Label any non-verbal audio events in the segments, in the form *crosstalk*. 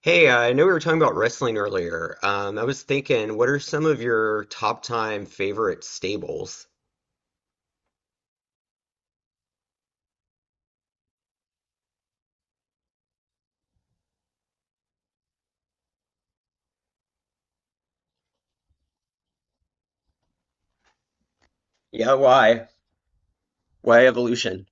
Hey, I know we were talking about wrestling earlier. I was thinking, what are some of your top time favorite stables? Yeah, why? Why evolution?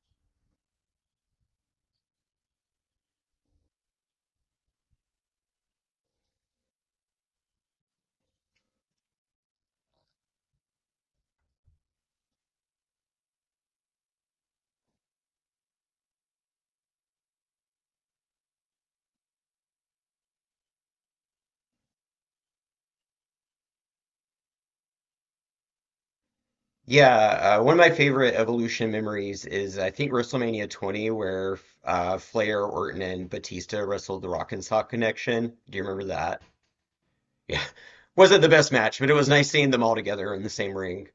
Yeah, one of my favorite Evolution memories is I think WrestleMania 20, where Flair, Orton, and Batista wrestled the Rock and Sock Connection. Do you remember that? Yeah, *laughs* wasn't the best match, but it was nice seeing them all together in the same ring.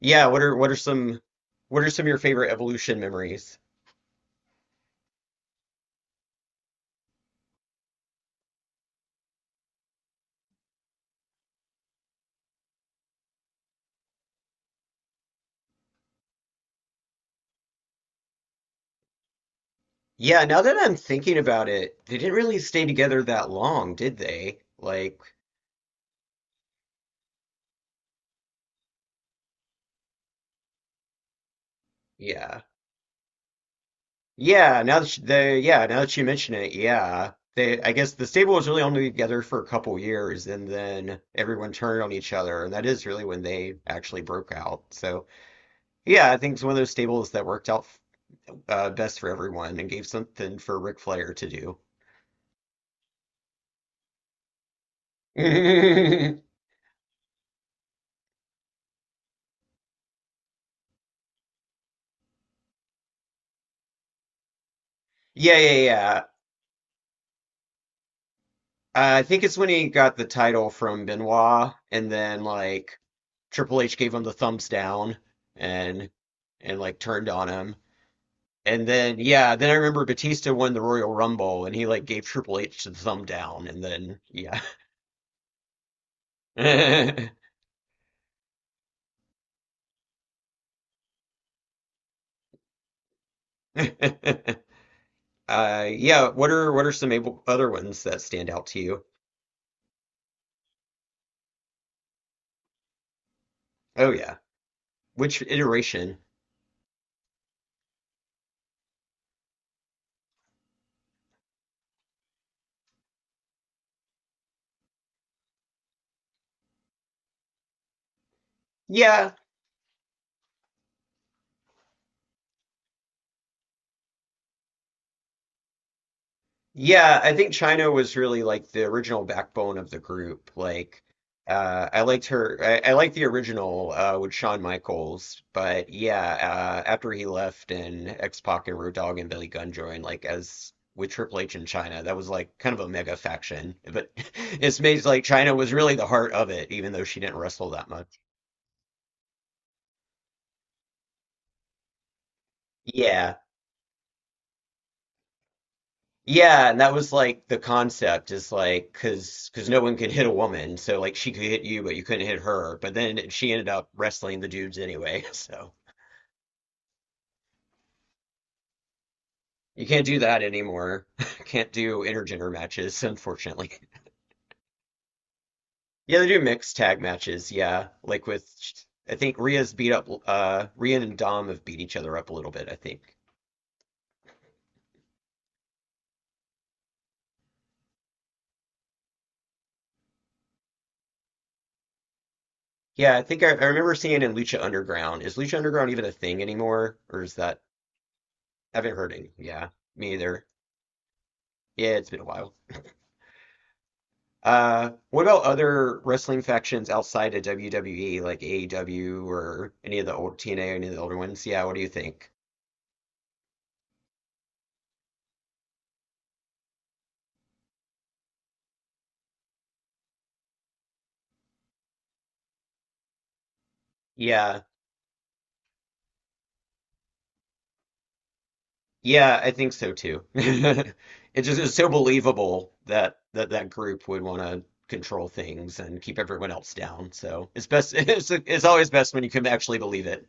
Yeah, what are some of your favorite Evolution memories? Yeah, now that I'm thinking about it, they didn't really stay together that long, did they? Like, yeah. Yeah, now that you, the now that you mention it, yeah. They I guess the stable was really only together for a couple years and then everyone turned on each other, and that is really when they actually broke out. So, yeah, I think it's one of those stables that worked out best for everyone and gave something for Ric Flair to do. *laughs* Yeah, yeah, yeah. I think it's when he got the title from Benoit, and then like Triple H gave him the thumbs down and and like turned on him. And then yeah, then I remember Batista won the Royal Rumble and he like gave Triple H the thumb down and then yeah. *laughs* Yeah, what are some other ones that stand out to you? Oh yeah. Which iteration? Yeah, Yeah, I think China was really like the original backbone of the group. Like, I liked her. I liked the original with Shawn Michaels, but yeah, after he left and X-Pac and Road Dogg and Billy Gunn joined, like as with Triple H in China, that was like kind of a mega faction. But *laughs* it's made like China was really the heart of it, even though she didn't wrestle that much. Yeah. Yeah, and that was like the concept is like cuz cuz no one could hit a woman, so like she could hit you but you couldn't hit her, but then she ended up wrestling the dudes anyway. *laughs* So you can't do that anymore. *laughs* Can't do intergender matches, unfortunately. *laughs* Yeah, they do mixed tag matches, yeah. Like with I think Rhea's beat up Rhea and Dom have beat each other up a little bit, I think. Yeah, I think I remember seeing in Lucha Underground. Is Lucha Underground even a thing anymore? Or is that I haven't heard it. Yeah, me either. Yeah, it's been a while. What about other wrestling factions outside of WWE, like AEW or any of the old TNA, any of the older ones? Yeah, what do you think? Yeah. Yeah, I think so too. *laughs* It just is so believable that that group would want to control things and keep everyone else down. So it's best. *laughs* It's always best when you can actually believe it.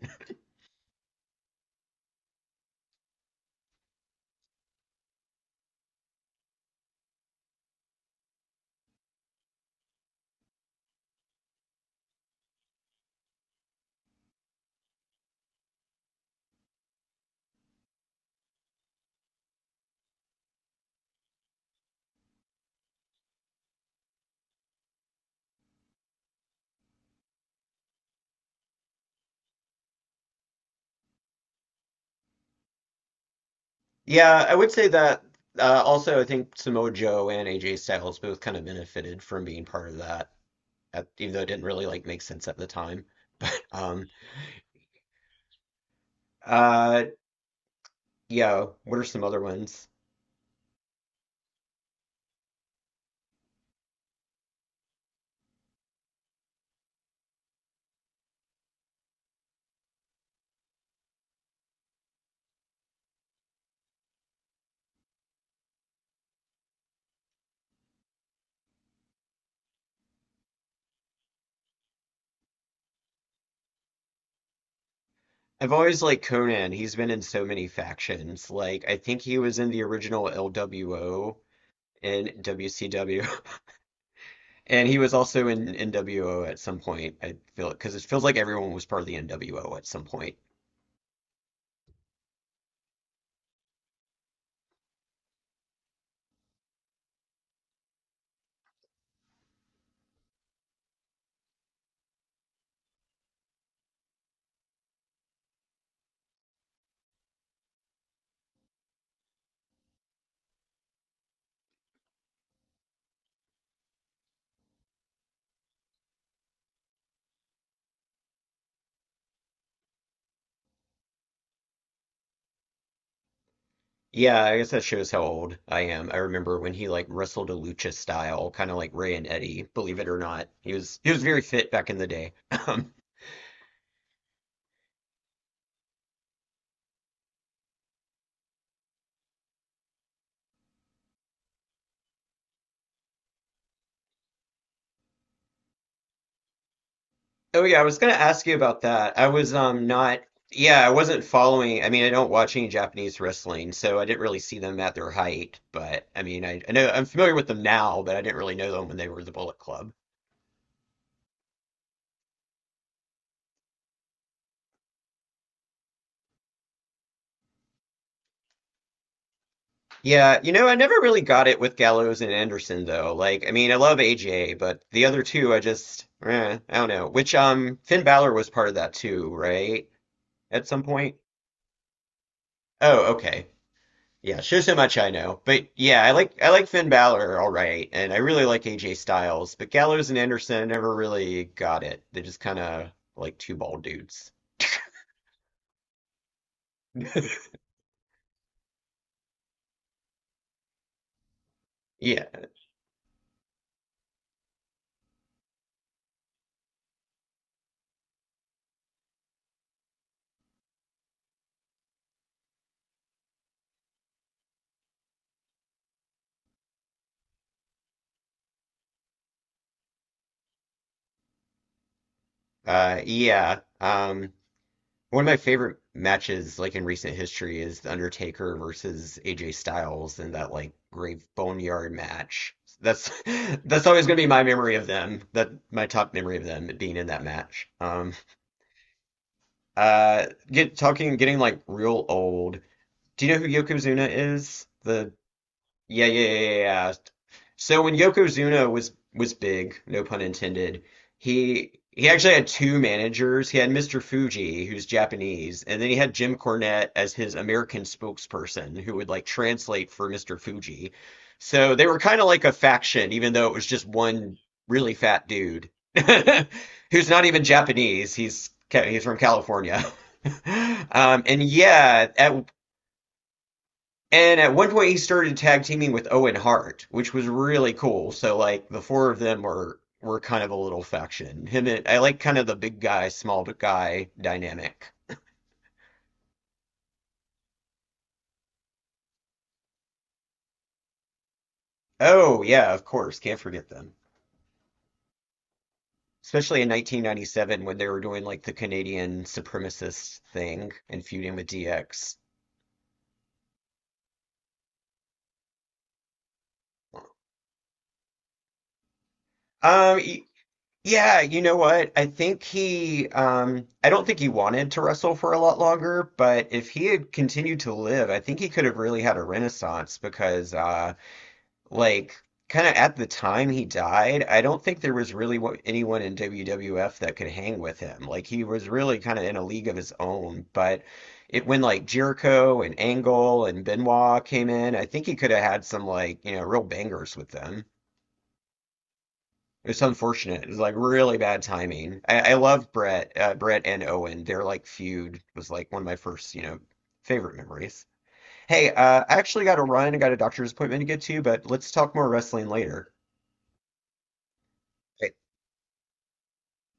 Yeah, I would say that also I think Samoa Joe and AJ Styles both kind of benefited from being part of that, at, even though it didn't really like make sense at the time. Um, uh, yeah, what are some other ones? I've always liked Conan. He's been in so many factions. Like I think he was in the original LWO and WCW, *laughs* and he was also in NWO at some point. I feel because it feels like everyone was part of the NWO at some point. Yeah, I guess that shows how old I am. I remember when he like wrestled a lucha style, kind of like Ray and Eddie, believe it or not. He was very fit back in the day. *laughs* Um, oh yeah, I was gonna ask you about that. I was not yeah, I wasn't following. I mean, I don't watch any Japanese wrestling, so I didn't really see them at their height. But I mean, I know I'm familiar with them now, but I didn't really know them when they were the Bullet Club. Yeah, you know, I never really got it with Gallows and Anderson though. Like, I mean, I love AJ, but the other two, I just, eh, I don't know. Which, Finn Balor was part of that too, right? At some point. Oh, okay. Yeah, shows how much I know. But yeah, I like Finn Balor, all right, and I really like AJ Styles, but Gallows and Anderson never really got it. They just kind of like two bald dudes. Yeah, yeah. One of my favorite matches, like in recent history, is The Undertaker versus AJ Styles in that like grave boneyard match. That's *laughs* that's always gonna be my memory of them. That my top memory of them being in that match. Get talking, getting like real old. Do you know who Yokozuna is? The yeah, yeah, yeah, yeah. yeah. So when Yokozuna was big, no pun intended, he actually had two managers. He had Mr. Fuji, who's Japanese, and then he had Jim Cornette as his American spokesperson, who would like translate for Mr. Fuji. So they were kind of like a faction, even though it was just one really fat dude *laughs* who's not even Japanese. He's from California. *laughs* Um, and yeah, at and at one point, he started tag teaming with Owen Hart, which was really cool. So like the four of them were kind of a little faction. Him and I like kind of the big guy, small guy dynamic. Oh yeah, of course, can't forget them. Especially in 1997 when they were doing like the Canadian supremacist thing and feuding with DX. Um, Yeah, you know what? I think I don't think he wanted to wrestle for a lot longer, but if he had continued to live, I think he could have really had a renaissance because, like, kind of at the time he died, I don't think there was really anyone in WWF that could hang with him. Like, he was really kind of in a league of his own. But it, when like Jericho and Angle and Benoit came in, I think he could have had some, like, you know, real bangers with them. It's unfortunate. It's like really bad timing. I love Brett and Owen. Their like feud was like one of my first, you know, favorite memories. Hey, I actually got to run. I got a doctor's appointment to get to, but let's talk more wrestling later. All right,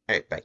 all right, bye.